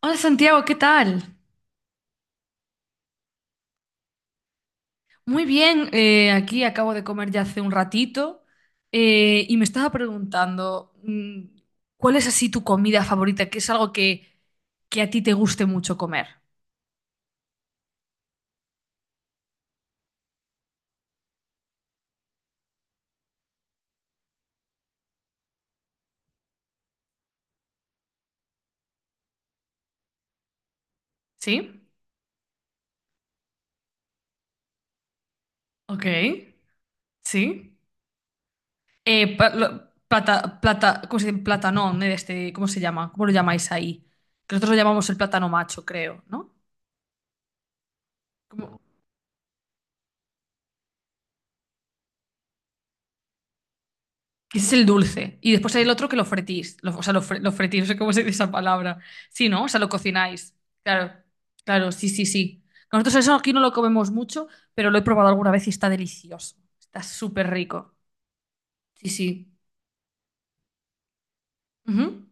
Hola Santiago, ¿qué tal? Muy bien, aquí acabo de comer ya hace un ratito y me estaba preguntando, ¿cuál es así tu comida favorita? ¿Qué es algo que a ti te guste mucho comer? ¿Sí? Ok, sí. Plata, plata, ¿cómo se dice? Platanón, este, ¿cómo se llama? ¿Cómo lo llamáis ahí? Que nosotros lo llamamos el plátano macho, creo, ¿no? ¿Cómo? Ese es el dulce. Y después hay el otro que lo fretís. O sea, lo fretís, no sé cómo se dice esa palabra. Sí, ¿no? O sea, lo cocináis. Claro, claro, sí, sí, sí. Nosotros eso aquí no lo comemos mucho, pero lo he probado alguna vez y está delicioso. Está súper rico. Sí, sí. Ujú.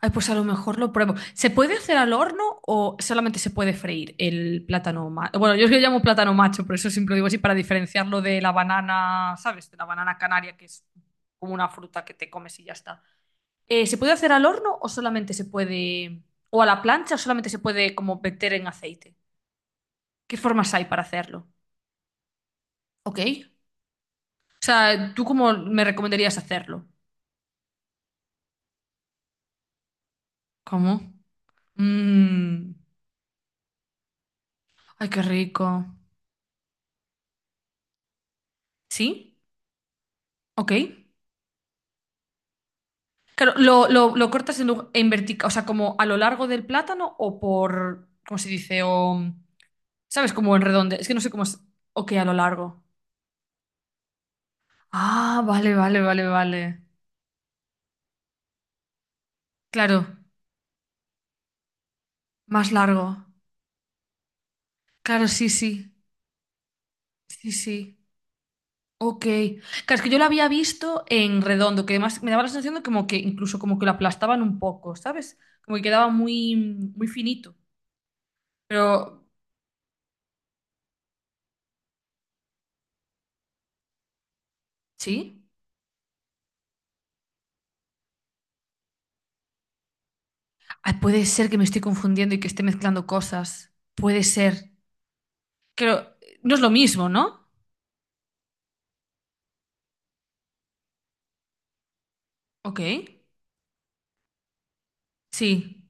Ay, pues a lo mejor lo pruebo. ¿Se puede hacer al horno o solamente se puede freír el plátano macho? Bueno, yo es que lo llamo plátano macho, por eso siempre lo digo así, para diferenciarlo de la banana, ¿sabes? De la banana canaria, que es como una fruta que te comes y ya está. ¿Se puede hacer al horno o solamente se puede, o a la plancha o solamente se puede como meter en aceite? ¿Qué formas hay para hacerlo? Ok. O sea, ¿tú cómo me recomendarías hacerlo? ¿Cómo? Mm. Ay, qué rico. ¿Sí? Ok. Claro, ¿lo cortas en vertical, o sea, como a lo largo del plátano o por, ¿cómo se dice? O, ¿sabes? Como en redondo. Es que no sé cómo es. Ok, a lo largo. Ah, vale, vale, vale, vale. Claro, más largo. Claro, sí, sí. Sí, sí. Ok. Claro, es que yo lo había visto en redondo, que además me daba la sensación de como que incluso como que lo aplastaban un poco, ¿sabes? Como que quedaba muy, muy finito. Pero, ¿sí? Ay, puede ser que me estoy confundiendo y que esté mezclando cosas. Puede ser. Pero no es lo mismo, ¿no? Ok. Sí.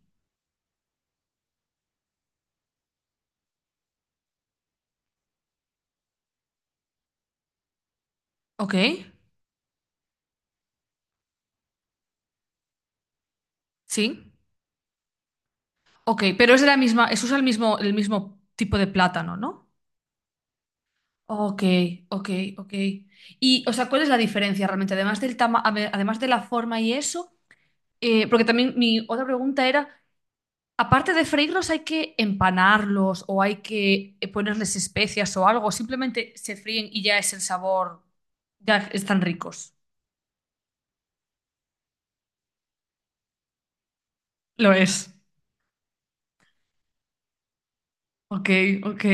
Ok. Sí. Ok. Pero es de la misma, es usa el mismo tipo de plátano, ¿no? Ok, ok, ok. Y, o sea, ¿cuál es la diferencia realmente? Además a ver, además de la forma y eso, porque también mi otra pregunta era, aparte de freírlos, ¿hay que empanarlos o hay que ponerles especias o algo? ¿O simplemente se fríen y ya es el sabor, ya están ricos. Lo es. Ok, ok.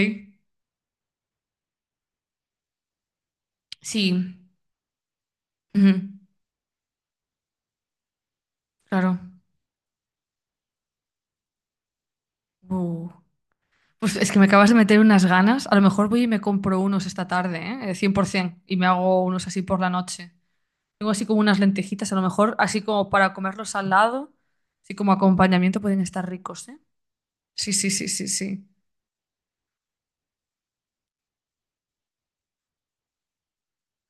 Sí, ujú, claro. Uh, pues es que me acabas de meter unas ganas. A lo mejor voy y me compro unos esta tarde, ¿eh? 100%, y me hago unos así por la noche. Tengo así como unas lentejitas, a lo mejor, así como para comerlos al lado, así como acompañamiento pueden estar ricos, ¿eh? Sí, sí, sí, sí, sí.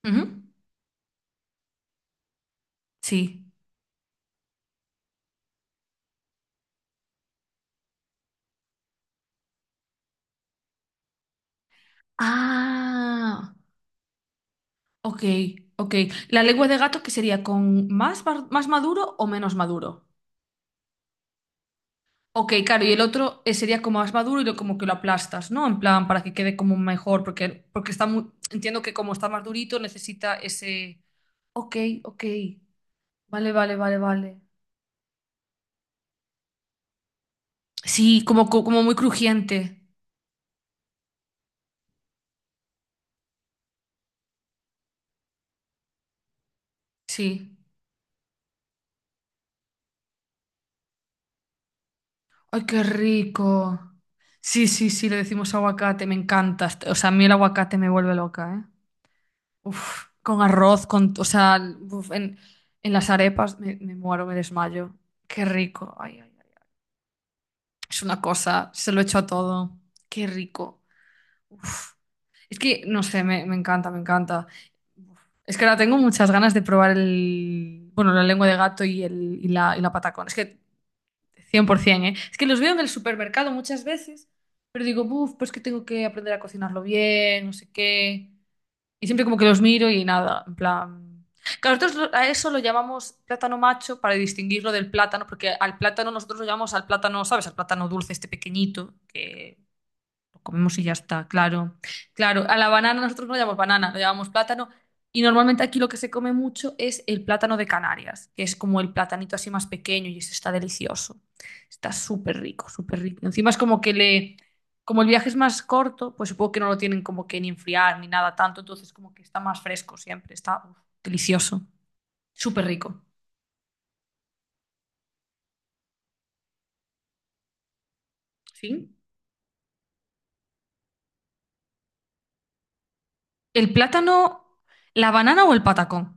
Ujú. Sí. Ah, ok, ok. La lengua de gato que sería con más, más maduro o menos maduro. Ok, claro, y el otro sería como más maduro y lo, como que lo aplastas, ¿no? En plan, para que quede como mejor, porque está muy, entiendo que como está más durito necesita ese... Ok, ok. Vale, vale, vale, vale. Sí, como muy crujiente. Sí. ¡Ay, qué rico! Sí, sí, sí, le decimos aguacate, me encanta. O sea, a mí el aguacate me vuelve loca, ¿eh? Uf, con arroz, o sea, uf, en las arepas me muero, me desmayo. ¡Qué rico! Ay, ay, ay. Es una cosa, se lo echo a todo. ¡Qué rico! Uf. Es que, no sé, me encanta, me encanta. Uf. Es que ahora tengo muchas ganas de probar bueno, la lengua de gato y la patacón. Es que 100%, ¿eh? Es que los veo en el supermercado muchas veces, pero digo, uff, pues que tengo que aprender a cocinarlo bien, no sé qué. Y siempre como que los miro y nada, en plan... Claro, nosotros a eso lo llamamos plátano macho para distinguirlo del plátano, porque al plátano nosotros lo llamamos al plátano, ¿sabes? Al plátano dulce, este pequeñito, que lo comemos y ya está, claro. Claro, a la banana nosotros no le llamamos banana, lo llamamos plátano. Y normalmente aquí lo que se come mucho es el plátano de Canarias, que es como el platanito así más pequeño y ese está delicioso. Está súper rico, súper rico. Encima es como que le... Como el viaje es más corto, pues supongo que no lo tienen como que ni enfriar ni nada tanto, entonces como que está más fresco siempre, está uf, delicioso, súper rico. ¿Sí? ¿El plátano, la banana o el patacón?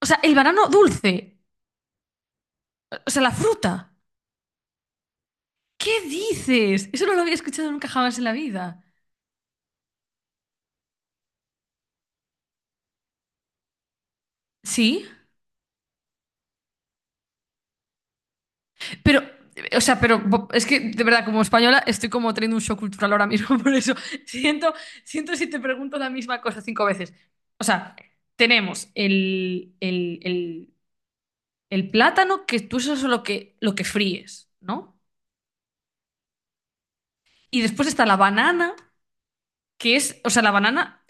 O sea, el banano dulce, o sea, la fruta. ¿Qué dices? Eso no lo había escuchado nunca jamás en la vida. Sí, pero, o sea, pero es que de verdad, como española, estoy como teniendo un shock cultural ahora mismo, por eso siento, siento si te pregunto la misma cosa cinco veces. O sea, tenemos el plátano, que tú eso es lo que, fríes, ¿no? Y después está la banana, que es, o sea, la banana.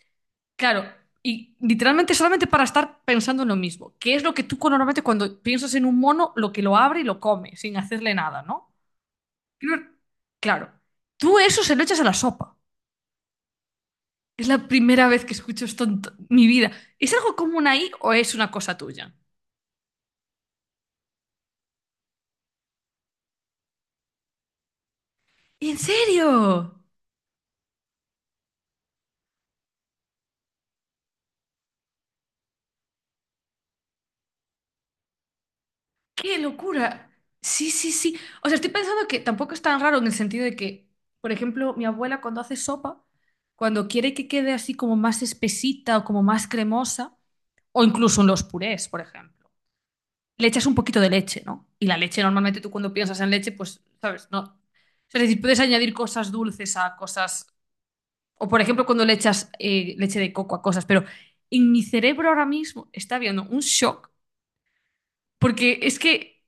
Claro, y literalmente solamente para estar pensando en lo mismo, que es lo que tú normalmente cuando piensas en un mono, lo que lo abre y lo come, sin hacerle nada, ¿no? Creo- Claro, tú eso se lo echas a la sopa. Es la primera vez que escucho esto en mi vida. ¿Es algo común ahí o es una cosa tuya? ¿En serio? ¡Qué locura! Sí, sí, sí. O sea, estoy pensando que tampoco es tan raro en el sentido de que, por ejemplo, mi abuela cuando hace sopa, cuando quiere que quede así como más espesita o como más cremosa, o incluso en los purés, por ejemplo, le echas un poquito de leche, ¿no? Y la leche normalmente tú cuando piensas en leche, pues, ¿sabes? No. Es decir, puedes añadir cosas dulces a cosas, o por ejemplo cuando le echas leche de coco a cosas, pero en mi cerebro ahora mismo está habiendo un shock porque es que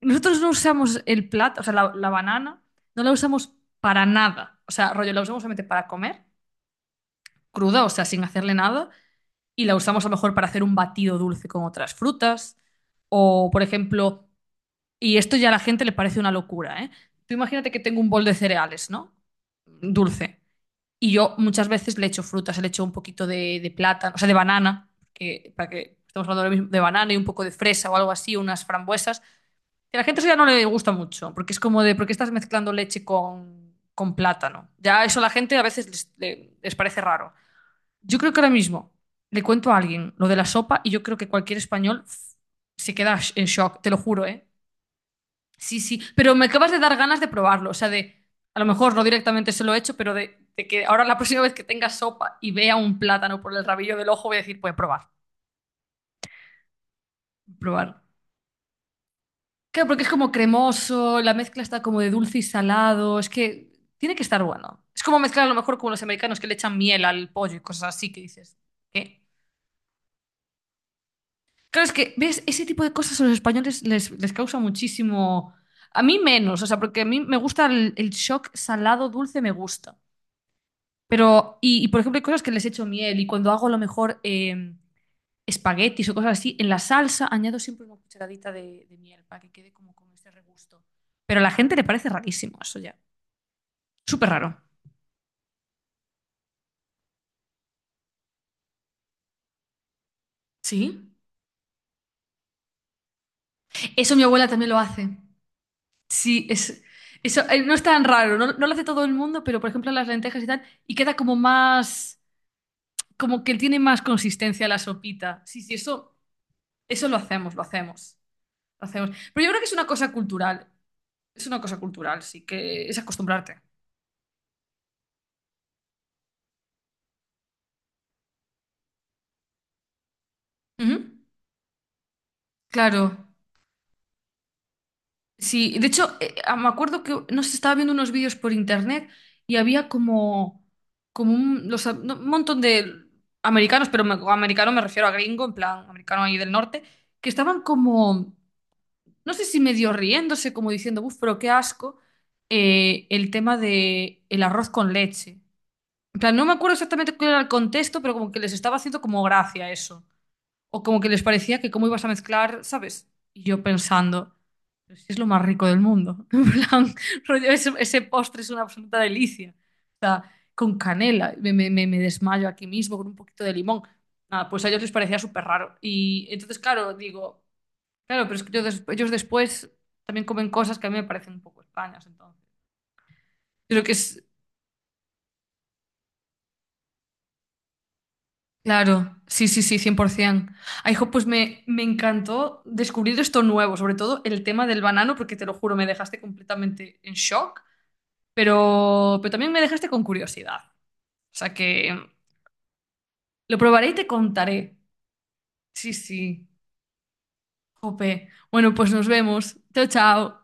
nosotros no usamos el plátano, o sea, la banana, no la usamos para nada. O sea, rollo, la usamos solamente para comer, cruda, o sea, sin hacerle nada, y la usamos a lo mejor para hacer un batido dulce con otras frutas, o por ejemplo, y esto ya a la gente le parece una locura, ¿eh? Tú imagínate que tengo un bol de cereales, ¿no? Dulce. Y yo muchas veces le echo frutas, le echo un poquito de plátano, o sea, de banana, que, para que estamos hablando ahora mismo de banana y un poco de fresa o algo así, unas frambuesas. Que a la gente eso ya no le gusta mucho, porque es como de, ¿por qué estás mezclando leche con plátano? Ya eso a la gente a veces les parece raro. Yo creo que ahora mismo le cuento a alguien lo de la sopa y yo creo que cualquier español se queda en shock, te lo juro, ¿eh? Sí, sí, pero me acabas de dar ganas de probarlo, o sea, de, a lo mejor no directamente se lo he hecho, pero de que ahora la próxima vez que tenga sopa y vea un plátano por el rabillo del ojo voy a decir, voy a probar, probar. Claro, porque es como cremoso, la mezcla está como de dulce y salado, es que tiene que estar bueno. Es como mezclar a lo mejor como los americanos que le echan miel al pollo y cosas así que dices, ¿qué? Claro, es que, ¿ves? Ese tipo de cosas a los españoles les causa muchísimo... A mí menos, o sea, porque a mí me gusta el shock salado dulce, me gusta. Pero, por ejemplo, hay cosas que les echo miel y cuando hago a lo mejor espaguetis o cosas así, en la salsa añado siempre una cucharadita de miel para que quede como con ese regusto. Pero a la gente le parece rarísimo eso ya. Súper raro. Sí. Eso mi abuela también lo hace. Sí, eso no es tan raro, no, no lo hace todo el mundo, pero por ejemplo las lentejas y tal, y queda como más, como que tiene más consistencia la sopita. Sí, sí, eso lo hacemos, lo hacemos, lo hacemos. Pero yo creo que es una cosa cultural, es una cosa cultural, sí, que es acostumbrarte. Ujú. Claro. Sí, de hecho, me acuerdo que no sé, estaba viendo unos vídeos por internet y había como, como un, los no, un montón de americanos, pero americano me refiero a gringo, en plan, americano ahí del norte, que estaban como, no sé si medio riéndose, como diciendo, uff, pero qué asco, el tema de el arroz con leche. En plan, no me acuerdo exactamente cuál era el contexto, pero como que les estaba haciendo como gracia eso. O como que les parecía que cómo ibas a mezclar, ¿sabes? Y yo pensando, pero si es lo más rico del mundo. En plan, rollo, ese postre es una absoluta delicia. O sea, con canela, me desmayo aquí mismo con un poquito de limón. Nada, pues a ellos les parecía súper raro. Y entonces, claro, digo, claro, pero es que yo ellos después también comen cosas que a mí me parecen un poco extrañas, entonces. Creo que es, claro, sí, sí, sí, 100%. Ay, jo, pues me encantó descubrir esto nuevo, sobre todo el tema del banano, porque te lo juro, me dejaste completamente en shock, pero también me dejaste con curiosidad. O sea que lo probaré y te contaré. Sí, sí, jope. Bueno, pues nos vemos. Chao, chao.